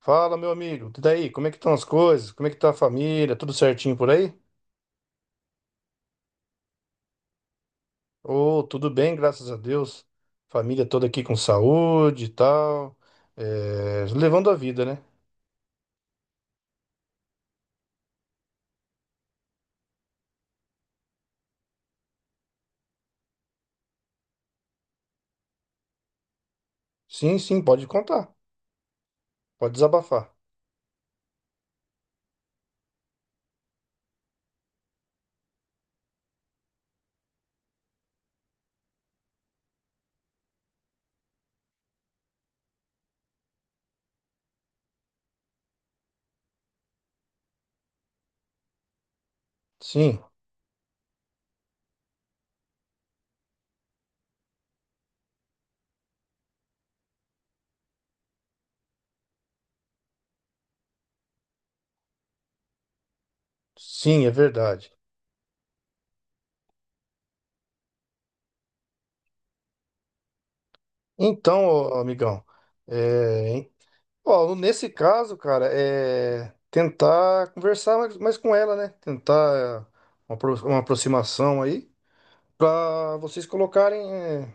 Fala, meu amigo. E daí? Como é que estão as coisas? Como é que tá a família? Tudo certinho por aí? Ô, tudo bem, graças a Deus. Família toda aqui com saúde e tal. É, levando a vida, né? Sim, sim, pode contar. Pode desabafar. Sim, sim, é verdade. Então, ô, amigão, é, ó, nesse caso, cara, é tentar conversar mais com ela, né? Tentar uma aproximação aí. Pra vocês colocarem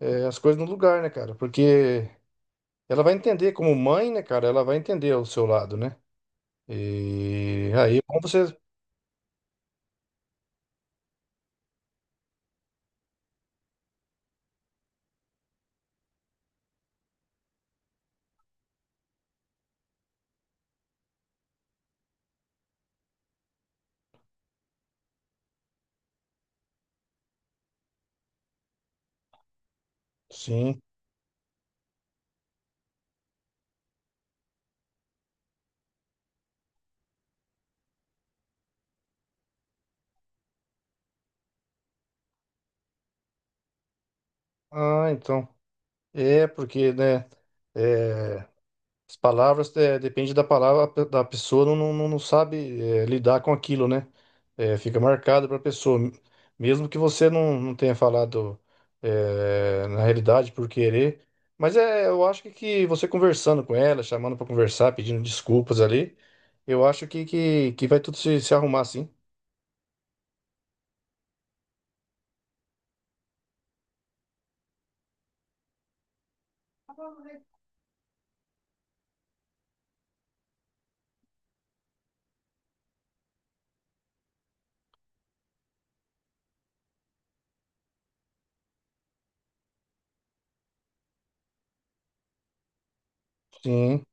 é, as coisas no lugar, né, cara? Porque ela vai entender, como mãe, né, cara? Ela vai entender o seu lado, né? E aí, como você. Sim. Ah, então. É, porque, né? eh, As palavras, é, depende da palavra, da pessoa não sabe, é, lidar com aquilo, né? É, fica marcado para a pessoa. Mesmo que você não tenha falado, é, na realidade por querer. Mas é, eu acho que você conversando com ela, chamando para conversar, pedindo desculpas ali, eu acho que vai tudo se arrumar, sim. Sim.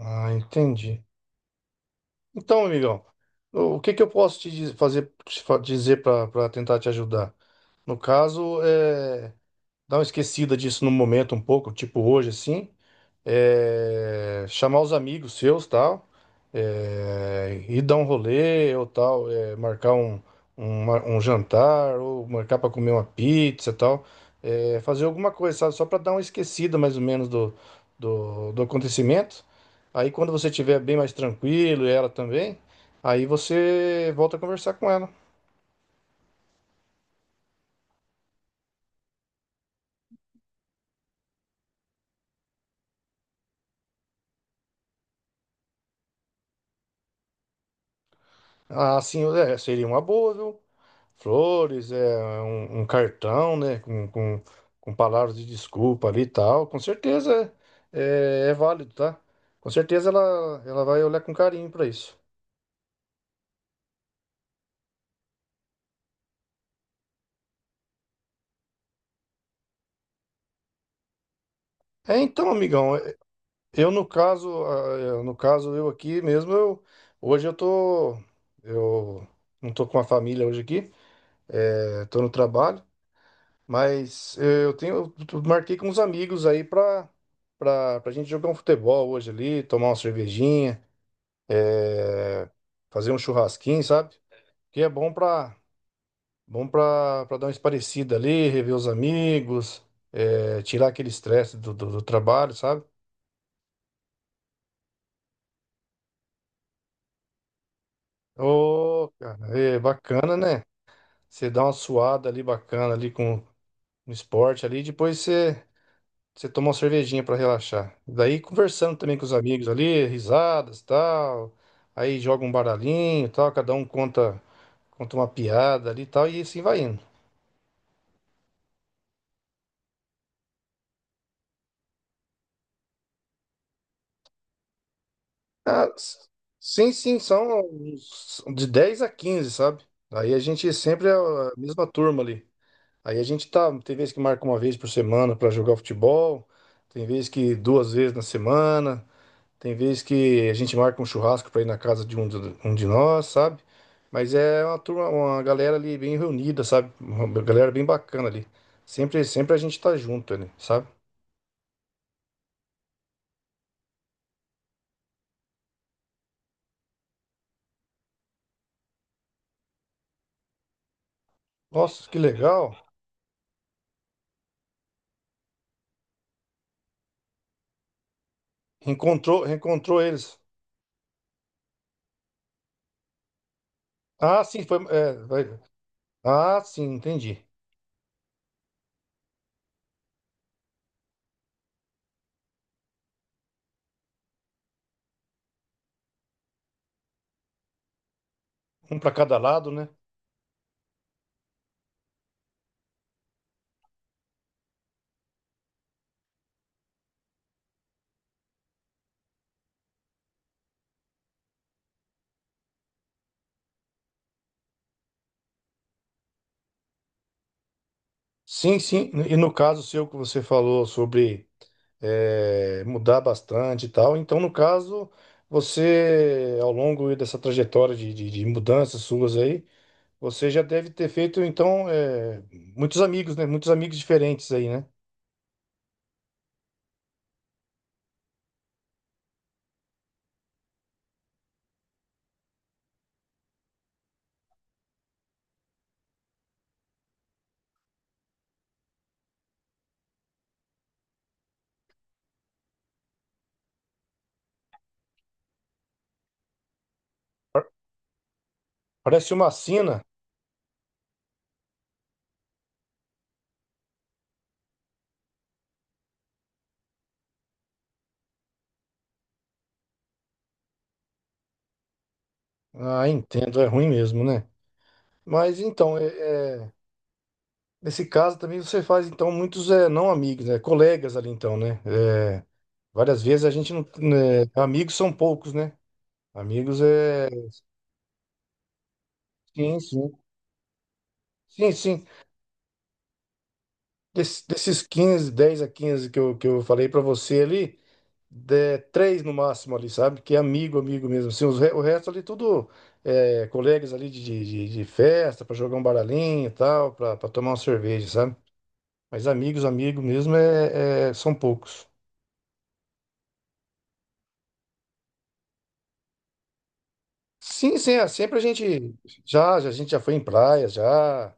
Ah, entendi. Então, amigão, o que que eu posso fazer, dizer para tentar te ajudar? No caso, é, dar uma esquecida disso no momento um pouco, tipo hoje assim, é, chamar os amigos seus, tal, é, ir dar um rolê ou tal, é, marcar um jantar ou marcar para comer uma pizza, tal, é, fazer alguma coisa, sabe? Só para dar uma esquecida mais ou menos do acontecimento. Aí quando você estiver bem mais tranquilo e ela também, aí você volta a conversar com ela. Ah, assim, é, seria uma boa, viu? Flores, é um cartão, né, com palavras de desculpa ali e tal, com certeza é, é válido, tá? Com certeza ela vai olhar com carinho pra isso. É, então, amigão, é, eu no caso, no caso eu aqui mesmo, eu, hoje eu não tô com a família hoje aqui, é, tô no trabalho, mas eu tenho, eu marquei com uns amigos aí pra gente jogar um futebol hoje ali, tomar uma cervejinha, fazer um churrasquinho, sabe? Que é bom pra, bom pra dar uma esparecida ali, rever os amigos, é, tirar aquele estresse do trabalho, sabe? Ô, cara, é bacana, né? Você dá uma suada ali bacana ali com um esporte ali, depois você toma uma cervejinha pra relaxar. Daí conversando também com os amigos ali, risadas, tal. Aí joga um baralhinho, tal, cada um conta uma piada ali, tal, e assim vai indo. Ah, s- sim, sim, são uns de 10 a quinze, sabe? Aí a gente sempre é a mesma turma ali. Aí a gente tá, tem vezes que marca uma vez por semana pra jogar futebol, tem vezes que duas vezes na semana, tem vezes que a gente marca um churrasco pra ir na casa um de nós, sabe? Mas é uma turma, uma galera ali bem reunida, sabe? Uma galera bem bacana ali. Sempre a gente tá junto ali, sabe? Nossa, que legal. Encontrou, reencontrou eles. Ah, sim, foi, é, vai- Ah, sim, entendi. Um para cada lado, né? Sim, sim. E no caso seu que você falou sobre mudar bastante e tal, então no caso você, ao longo dessa trajetória de mudanças suas aí, você já deve ter feito então muitos amigos, né? Muitos amigos diferentes aí, né? Parece uma sina. Ah, entendo, é ruim mesmo, né? Mas então, é, é, nesse caso também você faz então muitos não amigos, né? Colegas ali então, né? Eh, várias vezes a gente não, né, amigos são poucos, né? Amigos é. Sim, sim. Sim, sim. Desses quinze, 10 a 15 que eu falei pra você ali, de, três no máximo ali, sabe? Que é amigo, amigo mesmo. Assim, o resto ali tudo é, colegas ali de festa, pra jogar um baralhinho e tal, pra tomar uma cerveja, sabe? Mas amigos, amigo mesmo são poucos. Sim, sim, é, sempre a gente já, já a gente já foi em praia, já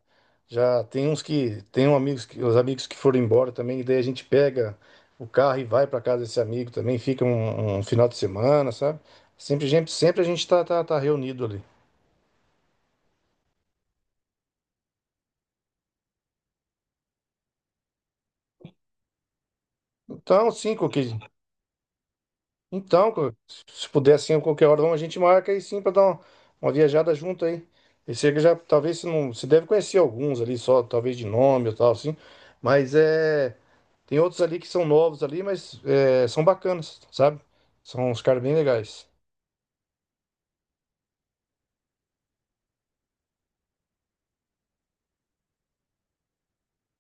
já tem uns que tem um amigos que os amigos que foram embora também, e daí a gente pega o carro e vai para casa desse amigo também, fica um final de semana, sabe? Sempre a gente tá reunido ali. Então, sim, qualquer, então, se puder sim, qualquer hora a gente marca aí sim para dar uma viajada junto aí. Esse aí que já talvez você não, você deve conhecer alguns ali só, talvez de nome ou tal assim, mas é, tem outros ali que são novos ali, mas é, são bacanas, sabe? São uns caras bem legais.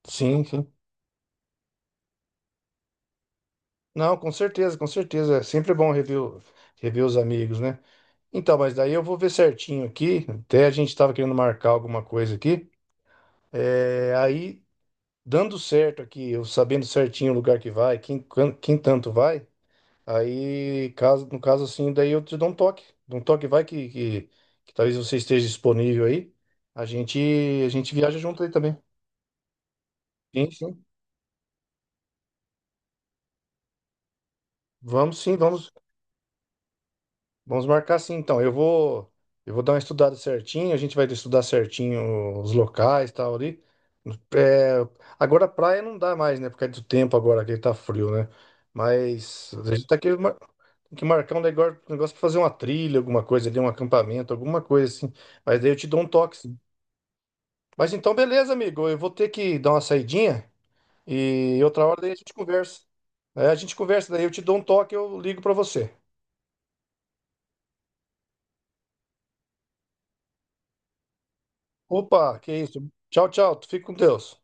Sim, sim. Não, com certeza, com certeza. É sempre bom rever os amigos, né? Então, mas daí eu vou ver certinho aqui. Até a gente estava querendo marcar alguma coisa aqui. É, aí, dando certo aqui, eu sabendo certinho o lugar que vai, quem, quem tanto vai, aí, caso, no caso assim, daí eu te dou um toque. Dou um toque vai que talvez você esteja disponível aí. A gente, a gente viaja junto aí também. Sim, sim. Vamos sim, vamos, vamos marcar sim. Então, eu vou dar uma estudada certinho, a gente vai estudar certinho os locais e tal ali. É, agora a praia não dá mais, né? Por causa do tempo agora que tá frio, né? Mas a gente tá aqui mar- tem que marcar um negócio pra fazer uma trilha, alguma coisa ali, um acampamento, alguma coisa assim. Mas daí eu te dou um toque, sim. Mas então, beleza, amigo. Eu vou ter que dar uma saidinha e outra hora daí a gente conversa. É, a gente conversa, daí eu te dou um toque, eu ligo pra você. Opa, que isso. Tchau, tchau. Tu fica com Deus.